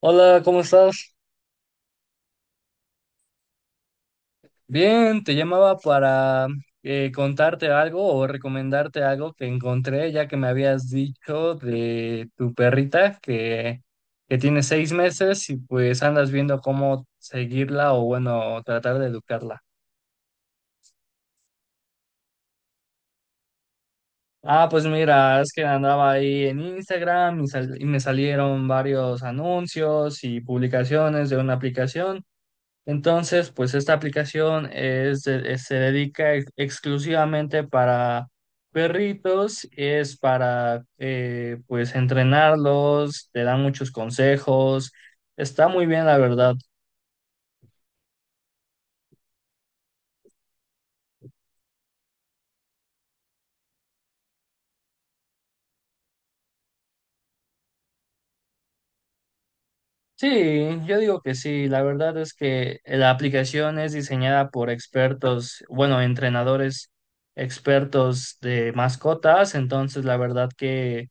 Hola, ¿cómo estás? Bien, te llamaba para contarte algo o recomendarte algo que encontré, ya que me habías dicho de tu perrita que tiene 6 meses y pues andas viendo cómo seguirla o bueno, tratar de educarla. Ah, pues mira, es que andaba ahí en Instagram y me salieron varios anuncios y publicaciones de una aplicación. Entonces, pues esta aplicación se dedica exclusivamente para perritos, es para pues entrenarlos, te dan muchos consejos, está muy bien la verdad. Sí, yo digo que sí. La verdad es que la aplicación es diseñada por expertos, bueno, entrenadores expertos de mascotas. Entonces, la verdad que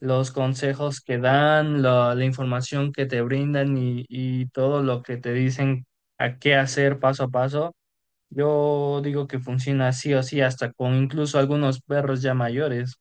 los consejos que dan, la información que te brindan y todo lo que te dicen a qué hacer paso a paso, yo digo que funciona sí o sí, hasta con incluso algunos perros ya mayores.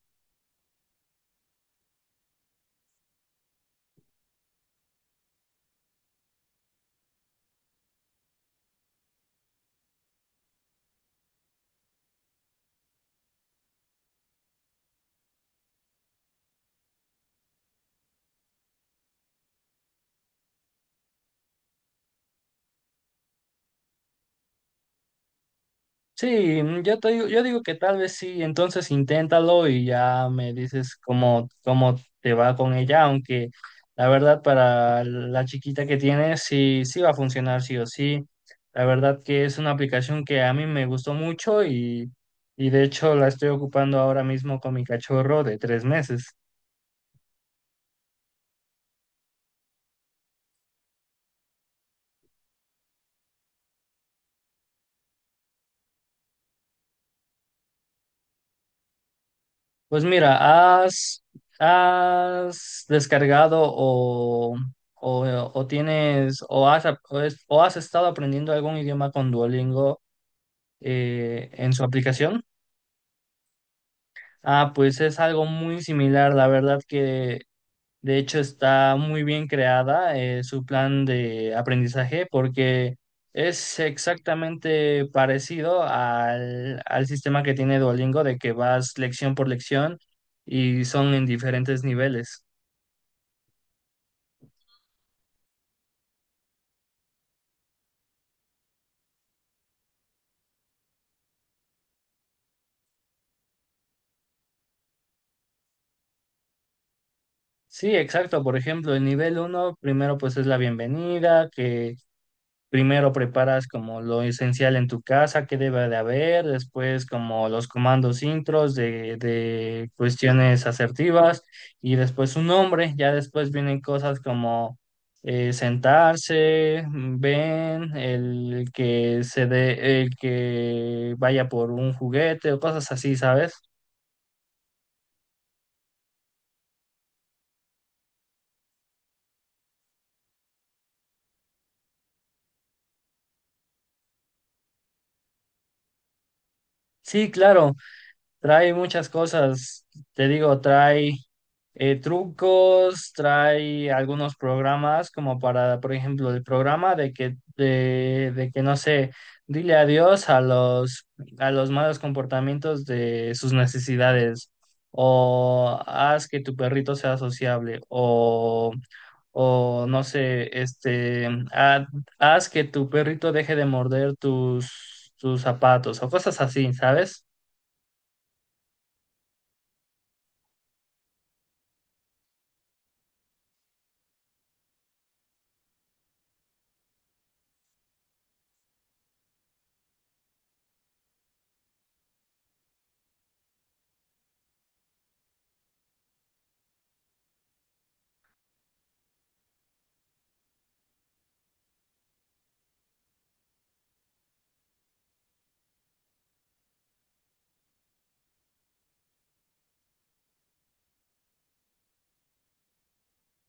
Sí, yo te digo, yo digo que tal vez sí, entonces inténtalo y ya me dices cómo te va con ella, aunque la verdad para la chiquita que tienes sí, sí va a funcionar sí o sí. La verdad que es una aplicación que a mí me gustó mucho y de hecho la estoy ocupando ahora mismo con mi cachorro de 3 meses. Pues mira, ¿has, has descargado o tienes o has, ap- o, es- o has estado aprendiendo algún idioma con Duolingo en su aplicación? Ah, pues es algo muy similar, la verdad que de hecho, está muy bien creada su plan de aprendizaje porque es exactamente parecido al sistema que tiene Duolingo, de que vas lección por lección y son en diferentes niveles. Sí, exacto. Por ejemplo, el nivel uno primero pues es la bienvenida. Que Primero preparas como lo esencial en tu casa, que debe de haber, después como los comandos intros de cuestiones asertivas y después un nombre, ya después vienen cosas como sentarse, ven, el que se dé, el que vaya por un juguete o cosas así, ¿sabes? Sí, claro, trae muchas cosas, te digo, trae trucos, trae algunos programas como para, por ejemplo, el programa de que no sé, dile adiós a a los malos comportamientos de sus necesidades o haz que tu perrito sea sociable o no sé, este, haz que tu perrito deje de morder tus zapatos o cosas así, ¿sabes?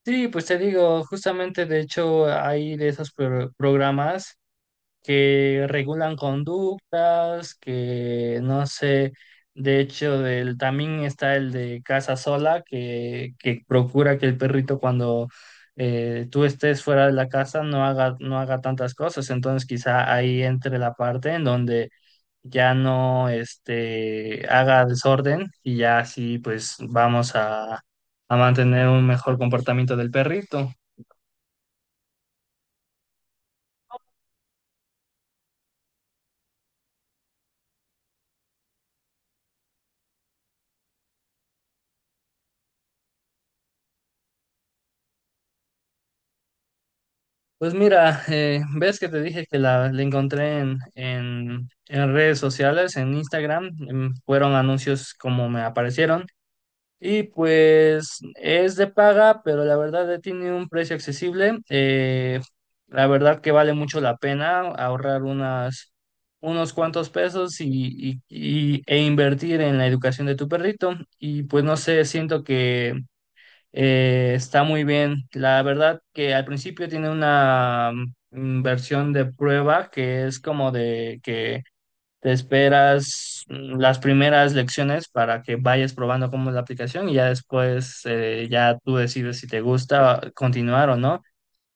Sí, pues te digo, justamente de hecho hay de esos programas que regulan conductas, que no sé, de hecho del, también está el de casa sola, que procura que el perrito cuando tú estés fuera de la casa no haga tantas cosas, entonces quizá ahí entre la parte en donde ya no este, haga desorden y ya así pues vamos a mantener un mejor comportamiento del perrito. Pues mira, ves que te dije que la encontré en redes sociales, en Instagram, fueron anuncios como me aparecieron y pues es de paga, pero la verdad tiene un precio accesible. La verdad que vale mucho la pena ahorrar unos cuantos pesos e invertir en la educación de tu perrito. Y pues no sé, siento que está muy bien. La verdad que al principio tiene una versión de prueba, que es como de que te esperas las primeras lecciones para que vayas probando cómo es la aplicación y ya después ya tú decides si te gusta continuar o no.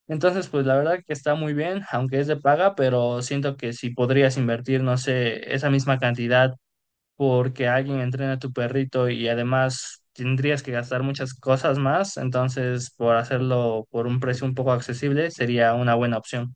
Entonces, pues la verdad que está muy bien, aunque es de paga, pero siento que si podrías invertir, no sé, esa misma cantidad porque alguien entrena a tu perrito y además tendrías que gastar muchas cosas más, entonces por hacerlo por un precio un poco accesible sería una buena opción.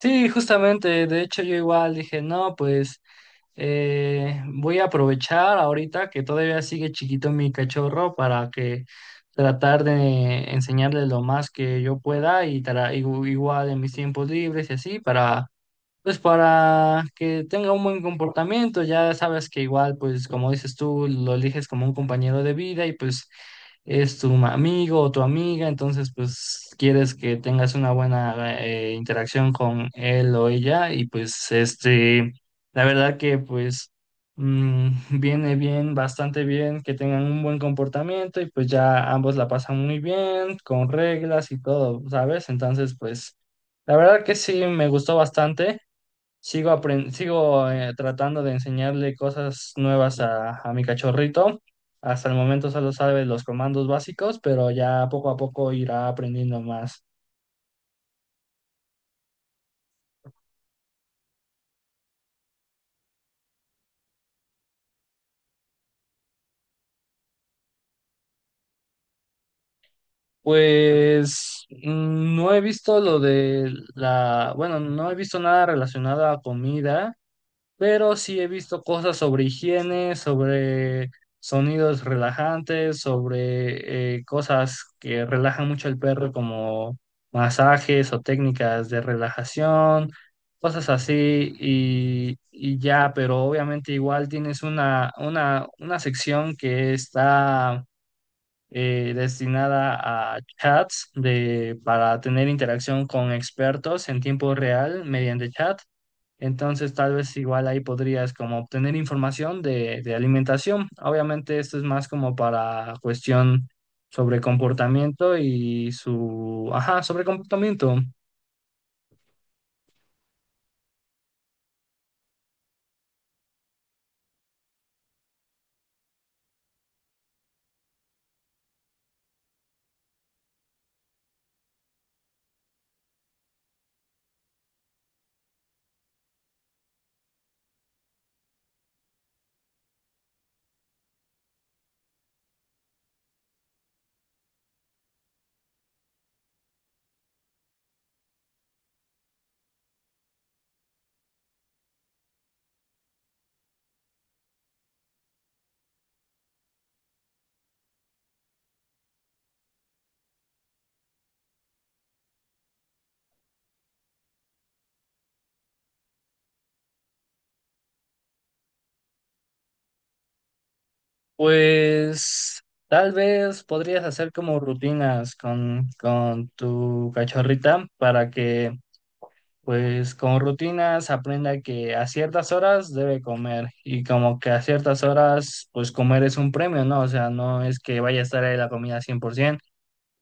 Sí, justamente, de hecho yo igual dije, no, pues voy a aprovechar ahorita que todavía sigue chiquito mi cachorro para que tratar de enseñarle lo más que yo pueda y igual en mis tiempos libres y así para pues para que tenga un buen comportamiento. Ya sabes que igual, pues como dices tú, lo eliges como un compañero de vida y pues es tu amigo o tu amiga, entonces pues quieres que tengas una buena interacción con él o ella y pues este, la verdad que pues viene bien, bastante bien que tengan un buen comportamiento y pues ya ambos la pasan muy bien, con reglas y todo, ¿sabes? Entonces pues... la verdad que sí, me gustó bastante. Sigo, sigo tratando de enseñarle cosas nuevas a mi cachorrito. Hasta el momento solo sabe los comandos básicos, pero ya poco a poco irá aprendiendo más. Pues no he visto lo de la, bueno, no he visto nada relacionado a comida, pero sí he visto cosas sobre higiene, sobre sonidos relajantes, sobre cosas que relajan mucho al perro, como masajes o técnicas de relajación, cosas así y ya, pero obviamente igual tienes una sección que está... destinada a chats de, para tener interacción con expertos en tiempo real mediante chat. Entonces, tal vez igual ahí podrías como obtener información de alimentación. Obviamente, esto es más como para cuestión sobre comportamiento y su... Ajá, sobre comportamiento. Pues tal vez podrías hacer como rutinas con tu cachorrita para que, pues con rutinas aprenda que a ciertas horas debe comer y como que a ciertas horas, pues comer es un premio, ¿no? O sea, no es que vaya a estar ahí la comida 100%.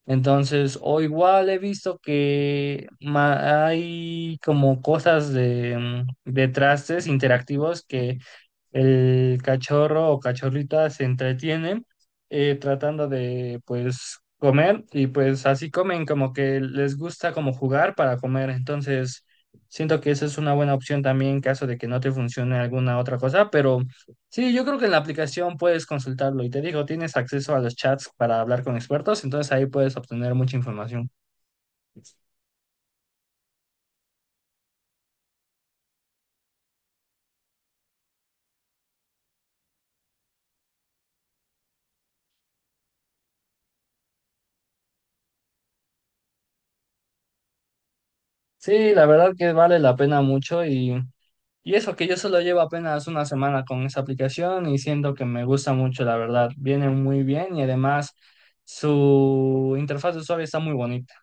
Entonces, o igual he visto que hay como cosas de, de trastes interactivos que el cachorro o cachorrita se entretienen tratando de pues comer y pues así comen, como que les gusta como jugar para comer. Entonces siento que esa es una buena opción también en caso de que no te funcione alguna otra cosa, pero sí, yo creo que en la aplicación puedes consultarlo y te digo, tienes acceso a los chats para hablar con expertos, entonces ahí puedes obtener mucha información. Sí, la verdad que vale la pena mucho y... y eso que yo solo llevo apenas 1 semana con esa aplicación y siento que me gusta mucho, la verdad. Viene muy bien y además su interfaz de usuario está muy bonita.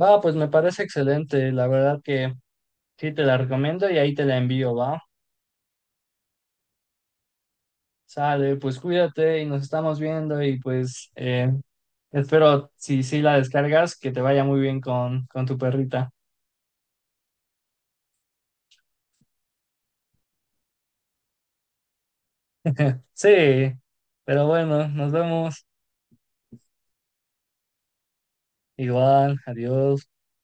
Va, pues me parece excelente. La verdad que sí te la recomiendo y ahí te la envío, va. Sale, pues cuídate y nos estamos viendo y pues espero, si sí la descargas, que te vaya muy bien con tu perrita. Sí, pero bueno, nos vemos. Igual, adiós.